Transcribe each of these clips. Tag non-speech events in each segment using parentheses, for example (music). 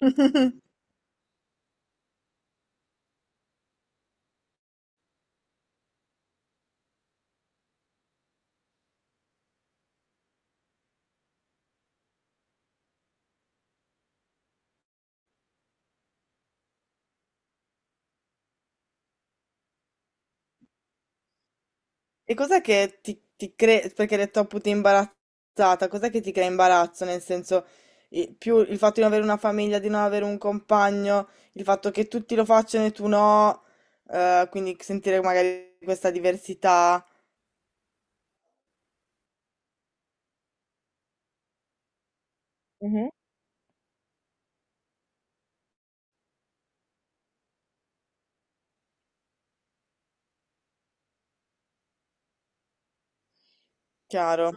(laughs) E cos'è che ti crea, perché hai detto appunto imbarazzata, cos'è che ti crea imbarazzo? Nel senso, più il fatto di non avere una famiglia, di non avere un compagno, il fatto che tutti lo facciano e tu no, quindi sentire magari questa diversità, chiaro.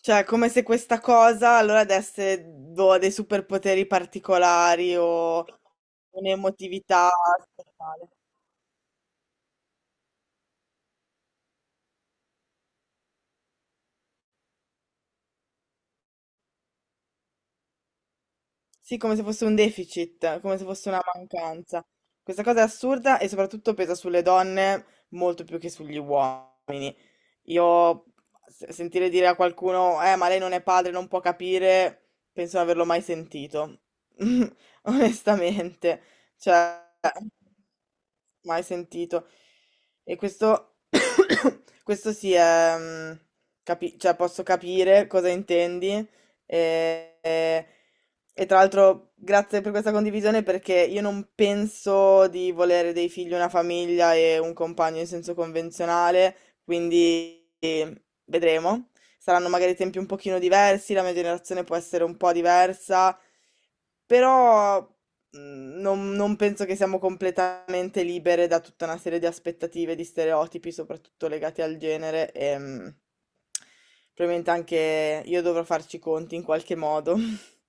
Cioè, è come se questa cosa allora desse boh, dei superpoteri particolari o un'emotività speciale. Sì, come se fosse un deficit, come se fosse una mancanza. Questa cosa è assurda e soprattutto pesa sulle donne molto più che sugli uomini. Io sentire dire a qualcuno, ma lei non è padre, non può capire, penso di non averlo mai sentito. (laughs) Onestamente. Cioè, mai sentito. E questo, (coughs) questo sì, è, cioè posso capire cosa intendi. E, e- e tra l'altro, grazie per questa condivisione perché io non penso di volere dei figli, una famiglia e un compagno in senso convenzionale, quindi vedremo. Saranno magari tempi un pochino diversi, la mia generazione può essere un po' diversa, però non penso che siamo completamente libere da tutta una serie di aspettative, di stereotipi, soprattutto legati al genere, probabilmente anche io dovrò farci i conti in qualche modo. (laughs)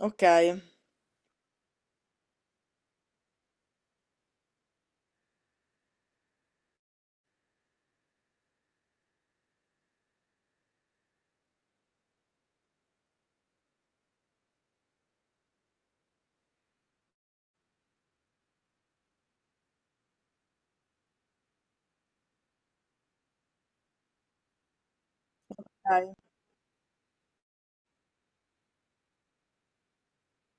Okay, dai.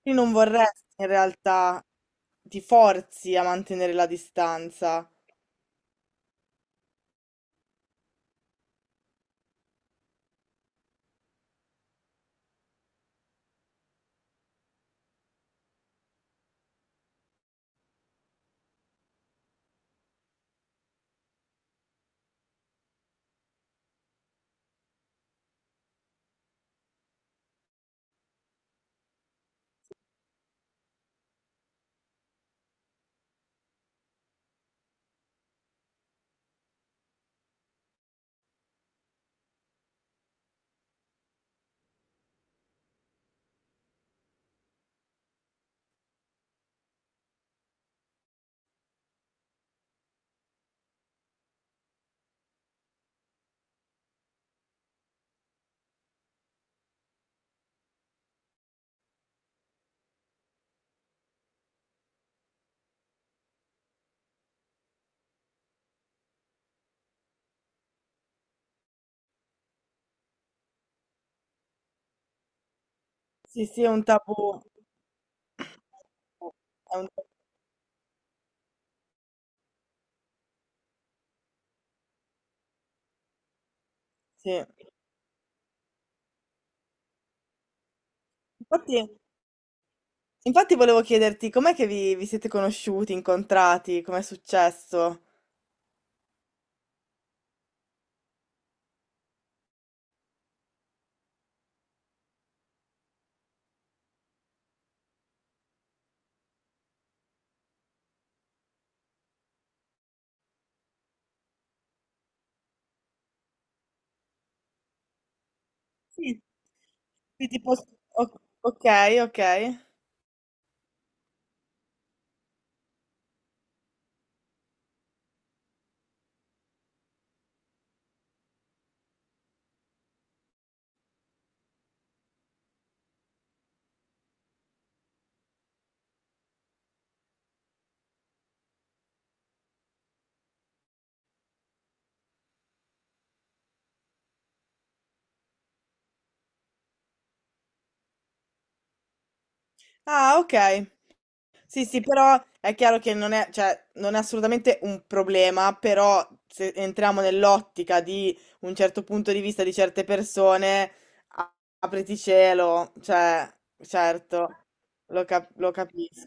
Io non vorresti in realtà ti forzi a mantenere la distanza. Sì, sì, è un tabù. È un ta Sì. Infatti infatti volevo chiederti com'è che vi siete conosciuti, incontrati, com'è successo? Sì, sì, tipo, ok, ok. Ok. Ah, ok. Sì, sì, però è chiaro che non è, cioè, non è assolutamente un problema, però se entriamo nell'ottica di un certo punto di vista di certe persone, a- apriti cielo, cioè, certo, lo capisco.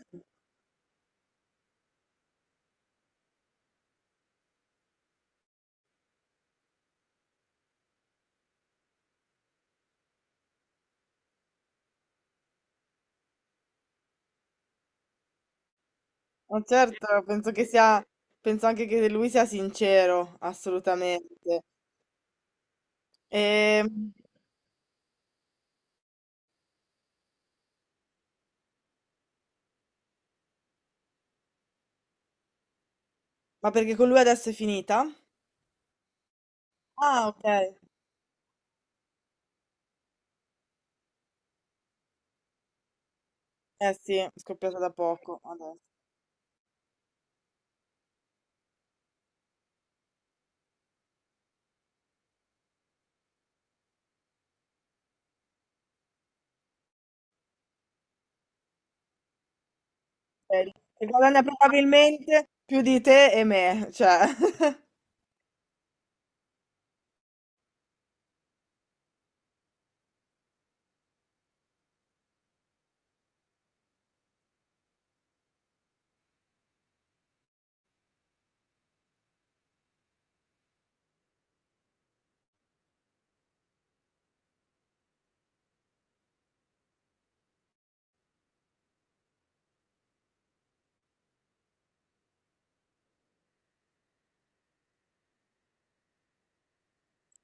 Ma certo, penso che sia, penso anche che lui sia sincero, assolutamente. Ehm, ma perché con lui adesso è finita? Ah, ok. Eh sì, è scoppiata da poco adesso. Eh, Che guadagna probabilmente più di te e me, cioè. (laughs)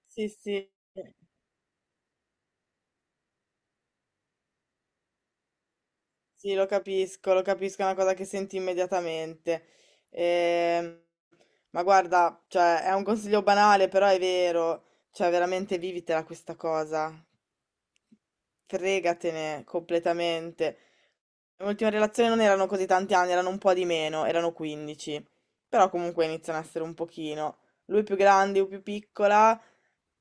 Sì, sì. Sì, lo capisco, è una cosa che senti immediatamente. Ehm, ma guarda, cioè, è un consiglio banale, però è vero, cioè, veramente vivitela questa cosa. Fregatene completamente. L'ultima relazione non erano così tanti anni, erano un po' di meno, erano 15. Però comunque iniziano a essere un pochino. Lui più grande, io più piccola.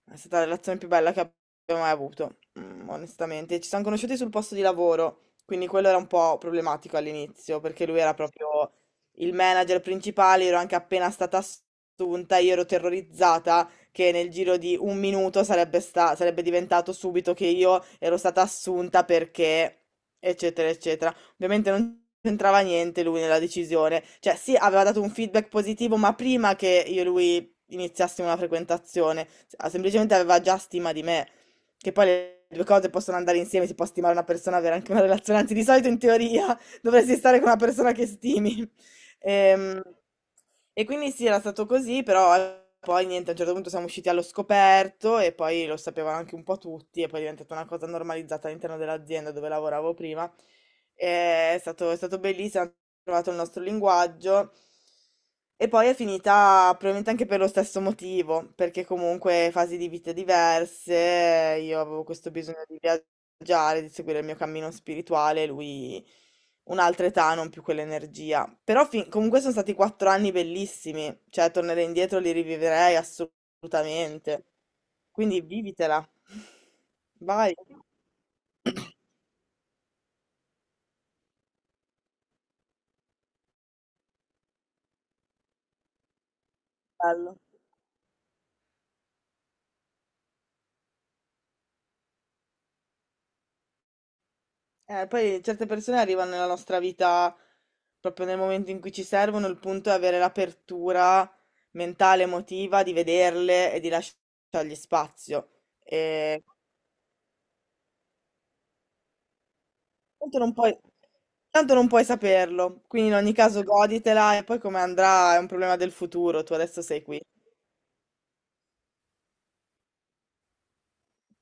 È stata la relazione più bella che abbiamo mai avuto, onestamente. Ci siamo conosciuti sul posto di lavoro. Quindi quello era un po' problematico all'inizio, perché lui era proprio il manager principale, ero anche appena stata assunta, io ero terrorizzata che nel giro di un minuto sarebbe sarebbe diventato subito che io ero stata assunta perché, eccetera, eccetera. Ovviamente non c'entrava niente lui nella decisione. Cioè, sì, aveva dato un feedback positivo, ma prima che io e lui iniziassimo una frequentazione, semplicemente aveva già stima di me. Che poi le due cose possono andare insieme, si può stimare una persona, avere anche una relazione, anzi di solito in teoria (laughs) dovresti stare con una persona che stimi. Ehm, e quindi sì, era stato così, però poi niente, a un certo punto siamo usciti allo scoperto e poi lo sapevano anche un po' tutti e poi è diventata una cosa normalizzata all'interno dell'azienda dove lavoravo prima è stato, è stato bellissimo, hanno trovato il nostro linguaggio e poi è finita probabilmente anche per lo stesso motivo, perché comunque fasi di vita diverse, io avevo questo bisogno di viaggiare, di seguire il mio cammino spirituale, lui un'altra età, non più quell'energia. Però comunque sono stati 4 anni bellissimi, cioè tornerei indietro, li rivivrei assolutamente. Quindi vivitela. (laughs) Vai, bello. Poi certe persone arrivano nella nostra vita proprio nel momento in cui ci servono, il punto è avere l'apertura mentale, emotiva, di vederle e di lasciargli spazio. E tanto non puoi, tanto non puoi saperlo, quindi in ogni caso goditela e poi come andrà è un problema del futuro, tu adesso sei qui.